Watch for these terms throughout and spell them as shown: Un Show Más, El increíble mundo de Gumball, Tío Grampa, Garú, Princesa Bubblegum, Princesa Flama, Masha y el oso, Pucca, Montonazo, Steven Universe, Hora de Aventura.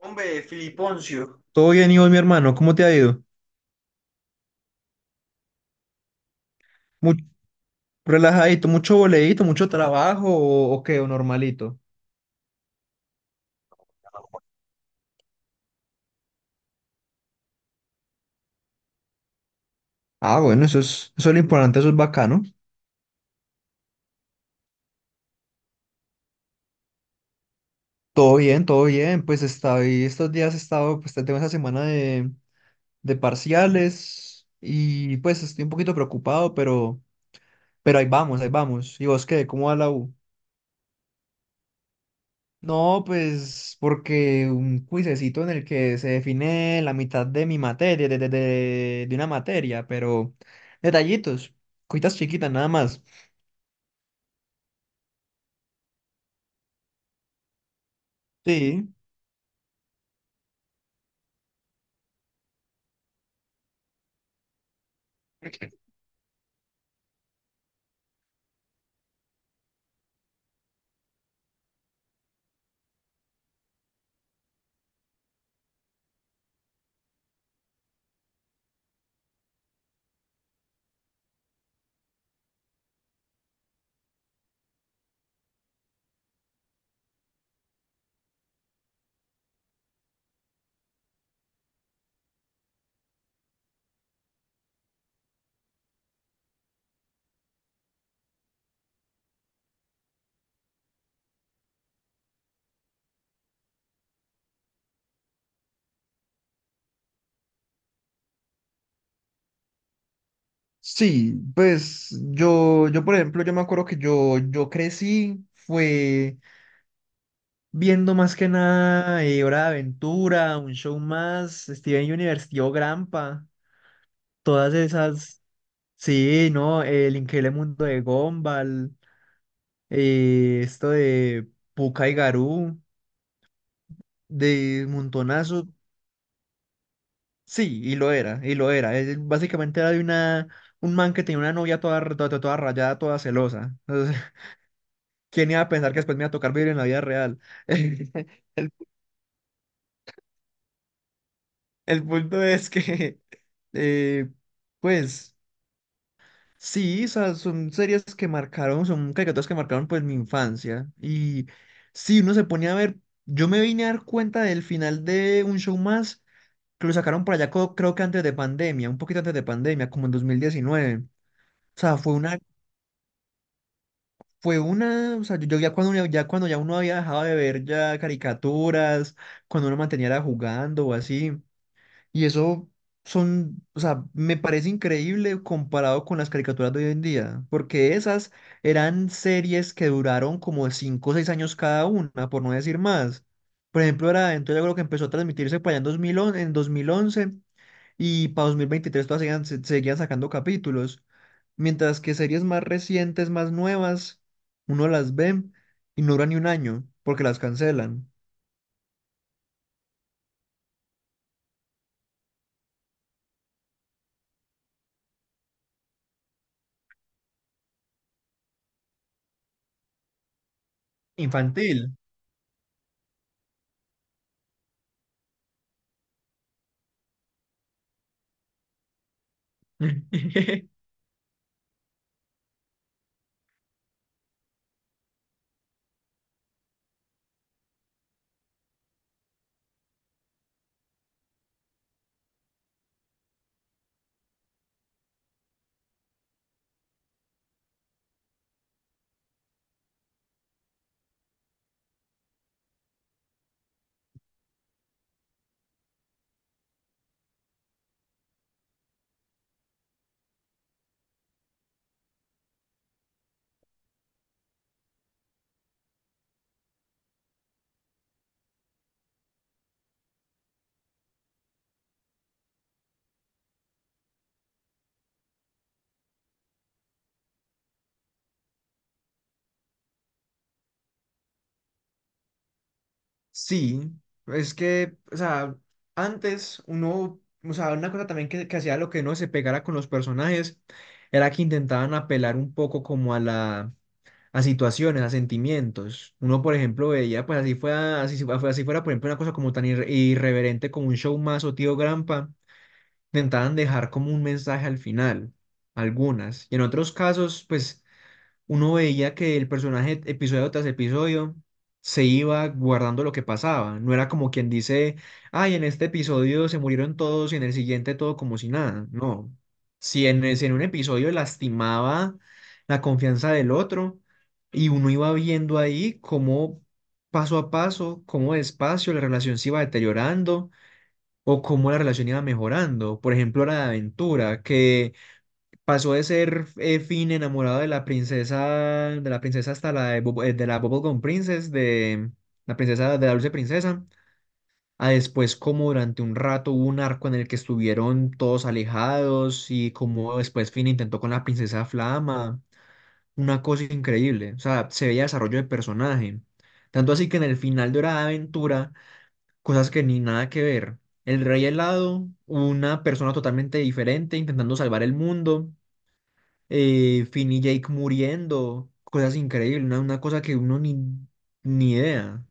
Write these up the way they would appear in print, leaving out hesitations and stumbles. Hombre, Filiponcio. Todo bien, Iván, mi hermano, ¿cómo te ha ido? Mu- Relajadito, mucho boleíto, mucho trabajo o qué, o normalito. Ah, bueno, eso es lo importante, eso es bacano. Todo bien, pues estoy, estos días he estado, pues tengo esa semana de parciales y pues estoy un poquito preocupado, pero ahí vamos, ahí vamos. ¿Y vos qué? ¿Cómo va la U? No, pues porque un cuisecito en el que se define la mitad de mi materia, de una materia, pero detallitos, cuitas chiquitas nada más. Sí. Sí, pues yo por ejemplo, yo me acuerdo que yo crecí, fue viendo más que nada Hora de Aventura, un show más, Steven Universe, Tío Grampa, todas esas, sí, ¿no? El increíble mundo de Gumball. Esto de Pucca y Garú, de Montonazo, sí, y lo era. Básicamente era de una, un man que tenía una novia toda, toda, toda rayada, toda celosa. Entonces, ¿quién iba a pensar que después me iba a tocar vivir en la vida real? El, el punto es que, eh, pues, sí, o sea, son series que marcaron, son caricaturas que marcaron pues mi infancia. Y si uno se ponía a ver, yo me vine a dar cuenta del final de Un Show Más que lo sacaron por allá, creo que antes de pandemia, un poquito antes de pandemia, como en 2019. O sea, fue una, o sea, yo ya cuando, ya cuando ya uno había dejado de ver ya caricaturas, cuando uno mantenía era jugando o así, y eso son, o sea, me parece increíble comparado con las caricaturas de hoy en día, porque esas eran series que duraron como 5 o 6 años cada una, por no decir más. Por ejemplo, era, entonces yo creo que empezó a transmitirse para allá en 2011, en 2011 y para 2023 todavía seguían, seguían sacando capítulos. Mientras que series más recientes, más nuevas, uno las ve y no dura ni un año, porque las cancelan. Infantil. Sí, es que, o sea, antes uno, o sea, una cosa también que hacía lo que no se pegara con los personajes era que intentaban apelar un poco como a la, a situaciones, a sentimientos. Uno, por ejemplo, veía, pues así fuera, así, así fuera, por ejemplo, una cosa como tan irreverente como un show más o Tío Grampa, intentaban dejar como un mensaje al final, algunas. Y en otros casos, pues uno veía que el personaje episodio tras episodio se iba guardando lo que pasaba. No era como quien dice, ay, en este episodio se murieron todos y en el siguiente todo como si nada. No. Si en, si en un episodio lastimaba la confianza del otro y uno iba viendo ahí cómo paso a paso, cómo despacio la relación se iba deteriorando o cómo la relación iba mejorando. Por ejemplo, la de Aventura, que pasó de ser Finn enamorado de la princesa hasta la de, de la Bubblegum Princess, de la princesa de la dulce princesa, a después como durante un rato hubo un arco en el que estuvieron todos alejados y como después Finn intentó con la princesa Flama, una cosa increíble, o sea, se veía desarrollo de personaje. Tanto así que en el final de Hora de Aventura, cosas que ni nada que ver. El rey helado, una persona totalmente diferente intentando salvar el mundo, Finn y Jake muriendo, cosas increíbles, una cosa que uno ni, ni idea.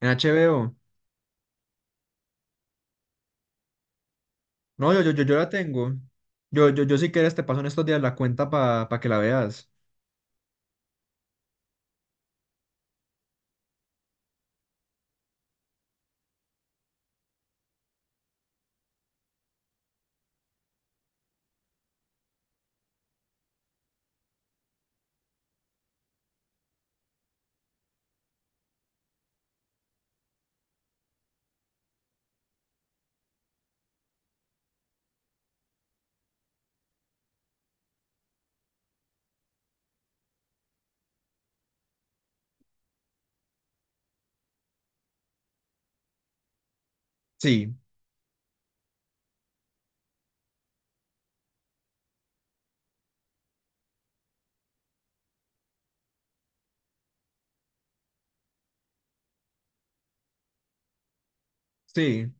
En HBO. No, yo la tengo. Yo si quieres te paso en estos días la cuenta para que la veas. Sí, sí,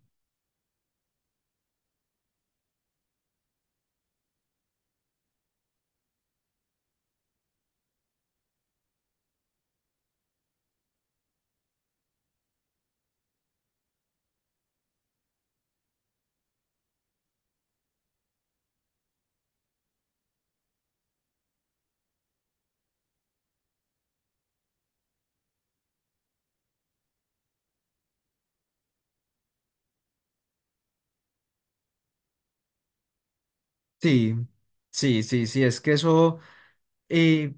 sí, sí, es que eso, eh,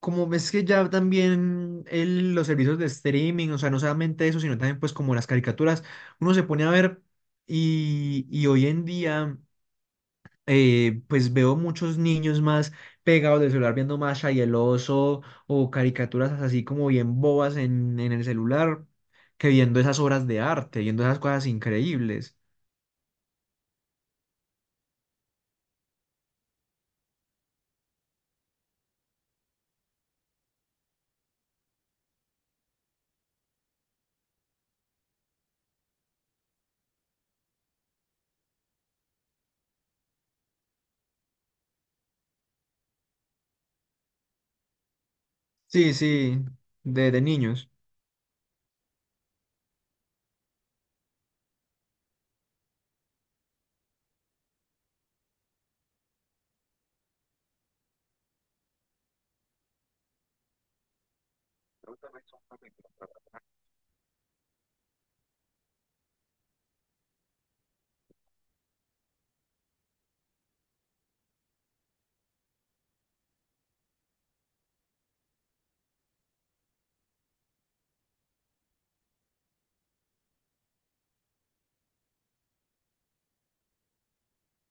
como ves que ya también los servicios de streaming, o sea, no solamente eso, sino también pues como las caricaturas, uno se pone a ver y hoy en día... pues veo muchos niños más pegados del celular viendo Masha y el oso o caricaturas así como bien bobas en el celular que viendo esas obras de arte, viendo esas cosas increíbles. Sí, sí, de niños.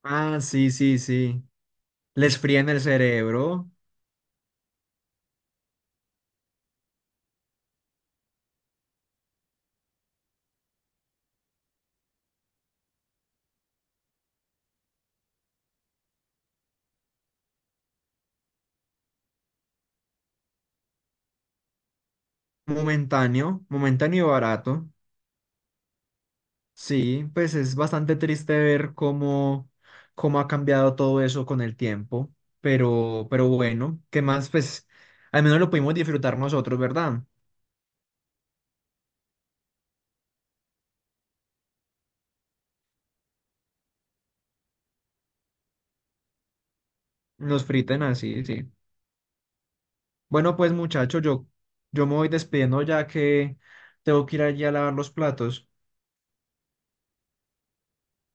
Ah, sí, sí, sí. Les fríen el cerebro, momentáneo, momentáneo y barato. Sí, pues es bastante triste ver cómo, cómo ha cambiado todo eso con el tiempo, pero bueno, ¿qué más? Pues al menos lo pudimos disfrutar nosotros, ¿verdad? Los friten así, sí. Bueno, pues muchachos, yo me voy despidiendo ya que tengo que ir allí a lavar los platos.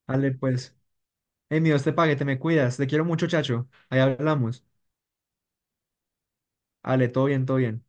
Ale, pues, hey, mi Dios te pague, te me cuidas, te quiero mucho, chacho. Ahí hablamos. Ale, todo bien, todo bien.